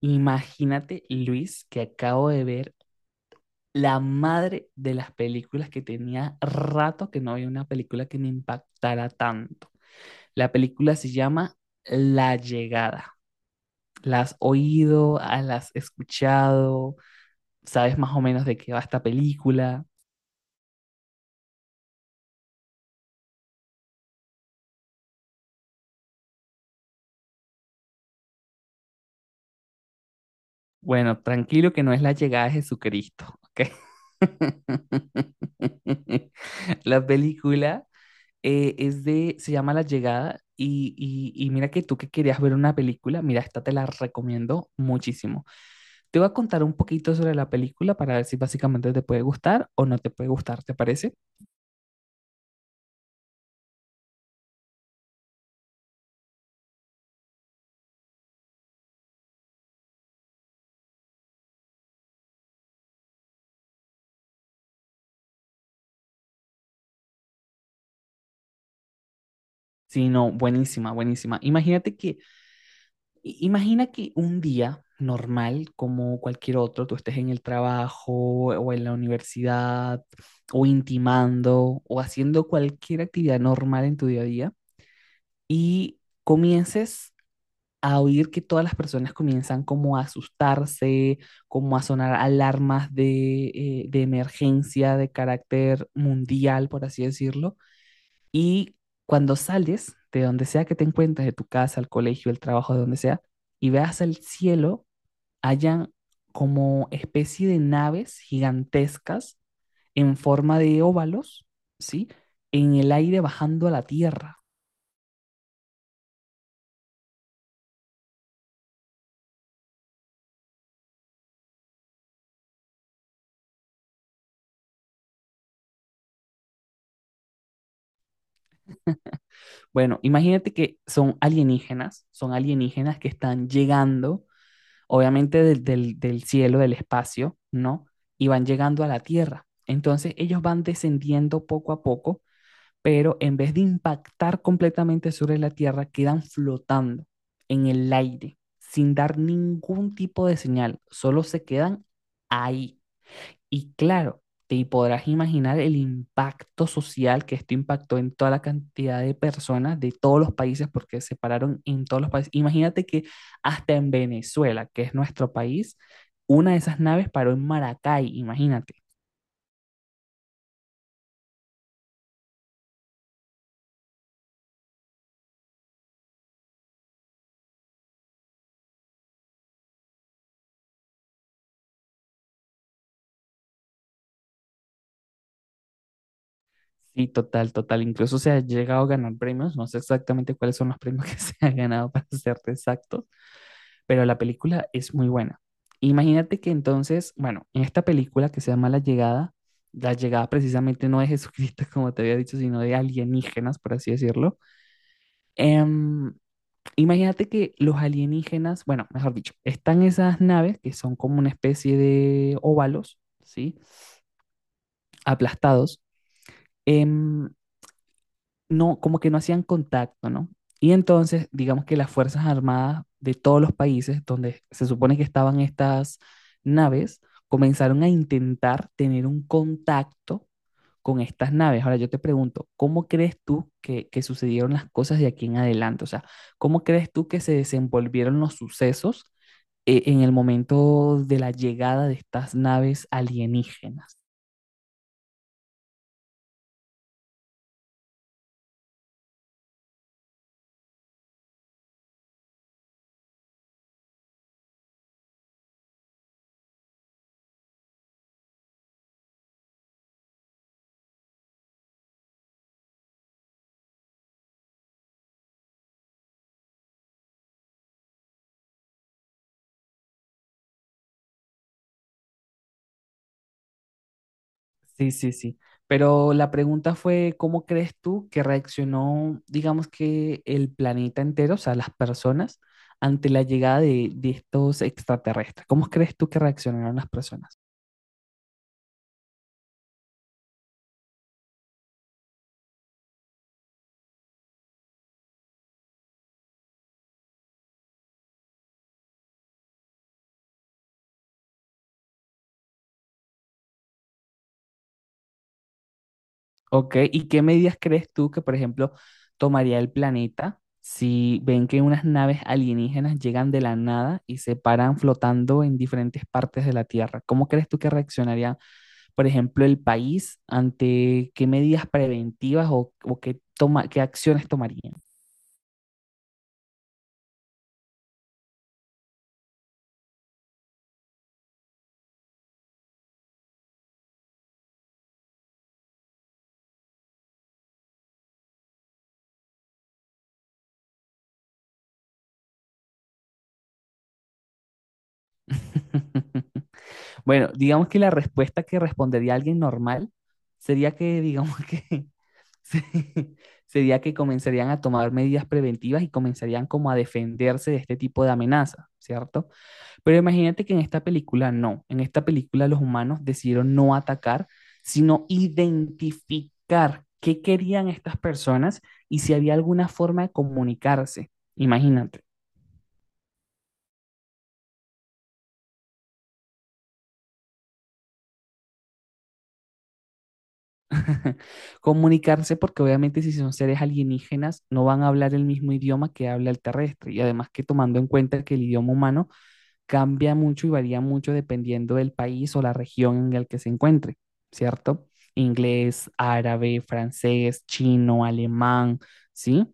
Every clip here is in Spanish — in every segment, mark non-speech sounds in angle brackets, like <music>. Imagínate, Luis, que acabo de ver la madre de las películas que tenía rato que no había una película que me impactara tanto. La película se llama La Llegada. ¿La has oído? Ah, ¿la has escuchado? ¿Sabes más o menos de qué va esta película? Bueno, tranquilo que no es la llegada de Jesucristo, ¿ok? <laughs> La película es de, se llama La Llegada y mira que tú que querías ver una película, mira, esta te la recomiendo muchísimo. Te voy a contar un poquito sobre la película para ver si básicamente te puede gustar o no te puede gustar, ¿te parece? Sí, no, buenísima, buenísima. Imagínate que, imagina que un día normal, como cualquier otro, tú estés en el trabajo o en la universidad o intimando o haciendo cualquier actividad normal en tu día a día y comiences a oír que todas las personas comienzan como a asustarse, como a sonar alarmas de emergencia de carácter mundial, por así decirlo. Y cuando sales de donde sea que te encuentres, de tu casa, al colegio, el trabajo, de donde sea, y veas el cielo, hayan como especie de naves gigantescas en forma de óvalos, ¿sí? En el aire bajando a la tierra. Bueno, imagínate que son alienígenas que están llegando, obviamente del cielo, del espacio, ¿no? Y van llegando a la Tierra. Entonces ellos van descendiendo poco a poco, pero en vez de impactar completamente sobre la Tierra, quedan flotando en el aire, sin dar ningún tipo de señal, solo se quedan ahí y claro, te podrás imaginar el impacto social que esto impactó en toda la cantidad de personas de todos los países, porque se pararon en todos los países. Imagínate que hasta en Venezuela, que es nuestro país, una de esas naves paró en Maracay, imagínate. Sí, total, total. Incluso se ha llegado a ganar premios. No sé exactamente cuáles son los premios que <laughs> se han ganado, para serte exacto, pero la película es muy buena. Imagínate que entonces, bueno, en esta película que se llama la llegada precisamente no de <laughs> Jesucristo, como te había dicho, sino de alienígenas, por así decirlo. Em, Imagínate que los alienígenas, bueno, mejor dicho, están esas naves que son como una especie de óvalos, ¿sí? Aplastados. em, no, como que no hacían contacto, ¿no? Y entonces, digamos que las Fuerzas Armadas de todos los países donde se supone que estaban estas naves, comenzaron a intentar tener un contacto con estas naves. Ahora yo te pregunto, ¿cómo crees tú que sucedieron las cosas de aquí en adelante? O sea, ¿cómo crees tú que se desenvolvieron los sucesos en el momento de la llegada de estas naves alienígenas? Sí, sí, sí. Pero la pregunta fue, ¿cómo crees tú que reaccionó, digamos que el planeta entero, o sea, las personas, ante la llegada de estos extraterrestres? ¿Cómo crees tú que reaccionaron las personas? ¿Ok? ¿Y qué medidas crees tú que, por ejemplo, tomaría el planeta si ven que unas naves alienígenas llegan de la nada y se paran flotando en diferentes partes de la Tierra? ¿Cómo crees tú que reaccionaría, por ejemplo, el país, ante qué medidas preventivas o qué, toma, qué acciones tomarían? <laughs> Bueno, digamos que la respuesta que respondería alguien normal sería que, digamos que, <laughs> se- sería que comenzarían a tomar medidas preventivas y comenzarían como a defenderse de este tipo de amenaza, ¿cierto? Pero imagínate que en esta película no, en esta película los humanos decidieron no atacar, sino identificar qué querían estas personas y si había alguna forma de comunicarse. Imagínate, <laughs> comunicarse porque obviamente si son seres alienígenas no van a hablar el mismo idioma que habla el terrestre y además que tomando en cuenta que el idioma humano cambia mucho y varía mucho dependiendo del país o la región en el que se encuentre, ¿cierto? Inglés, árabe, francés, chino, alemán, ¿sí?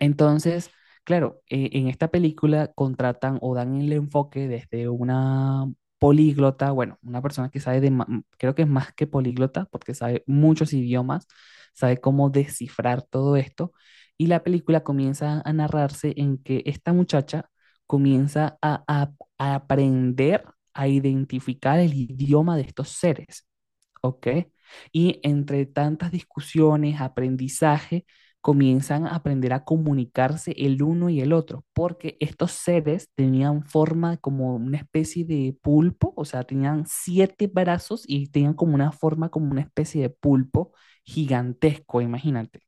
Entonces, claro, en esta película contratan o dan el enfoque desde una políglota, bueno, una persona que sabe de, creo que es más que políglota, porque sabe muchos idiomas, sabe cómo descifrar todo esto, y la película comienza a narrarse en que esta muchacha comienza a aprender a identificar el idioma de estos seres. Ok. Y entre tantas discusiones, aprendizaje, comienzan a aprender a comunicarse el uno y el otro, porque estos seres tenían forma como una especie de pulpo, o sea, tenían siete brazos y tenían como una forma como una especie de pulpo gigantesco, imagínate.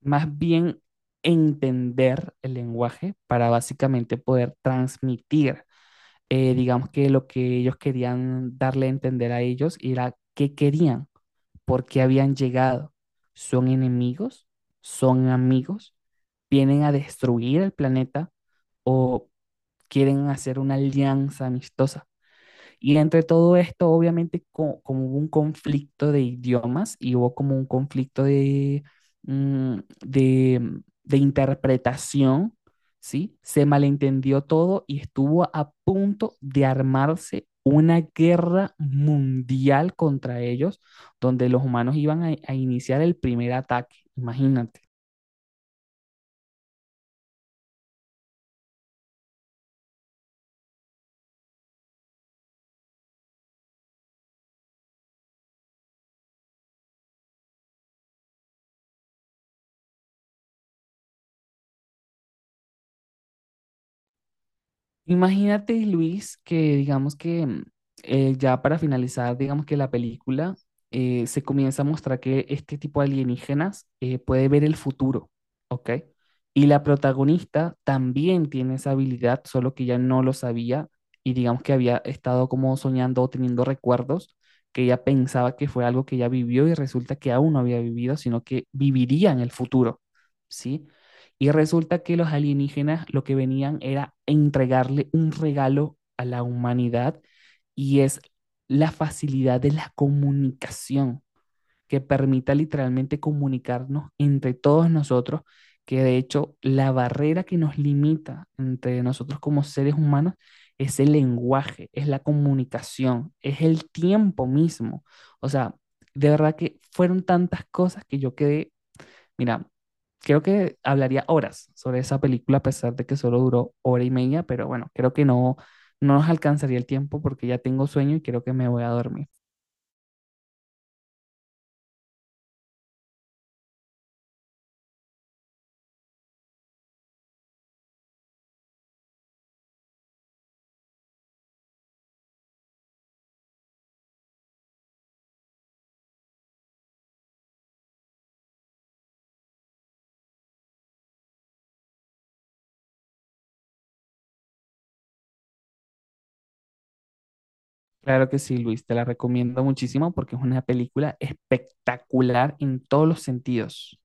Más bien entender el lenguaje para básicamente poder transmitir, digamos que lo que ellos querían darle a entender a ellos era qué querían, por qué habían llegado. ¿Son enemigos? ¿Son amigos? ¿Vienen a destruir el planeta? ¿O quieren hacer una alianza amistosa? Y entre todo esto, obviamente, como hubo un conflicto de idiomas y hubo como un conflicto de, mm, de interpretación, ¿sí? Se malentendió todo y estuvo a punto de armarse una guerra mundial contra ellos, donde los humanos iban a iniciar el primer ataque, imagínate. Imagínate, Luis, que digamos que ya para finalizar, digamos que la película se comienza a mostrar que este tipo de alienígenas puede ver el futuro, ¿ok? Y la protagonista también tiene esa habilidad, solo que ella no lo sabía y digamos que había estado como soñando o teniendo recuerdos que ella pensaba que fue algo que ella vivió y resulta que aún no había vivido, sino que viviría en el futuro, ¿sí? Y resulta que los alienígenas lo que venían era entregarle un regalo a la humanidad y es la facilidad de la comunicación que permita literalmente comunicarnos entre todos nosotros, que de hecho la barrera que nos limita entre nosotros como seres humanos es el lenguaje, es la comunicación, es el tiempo mismo. O sea, de verdad que fueron tantas cosas que yo quedé. Mira, creo que hablaría horas sobre esa película, a pesar de que solo duró hora y media, pero bueno, creo que no, no nos alcanzaría el tiempo porque ya tengo sueño y creo que me voy a dormir. Claro que sí, Luis, te la recomiendo muchísimo porque es una película espectacular en todos los sentidos.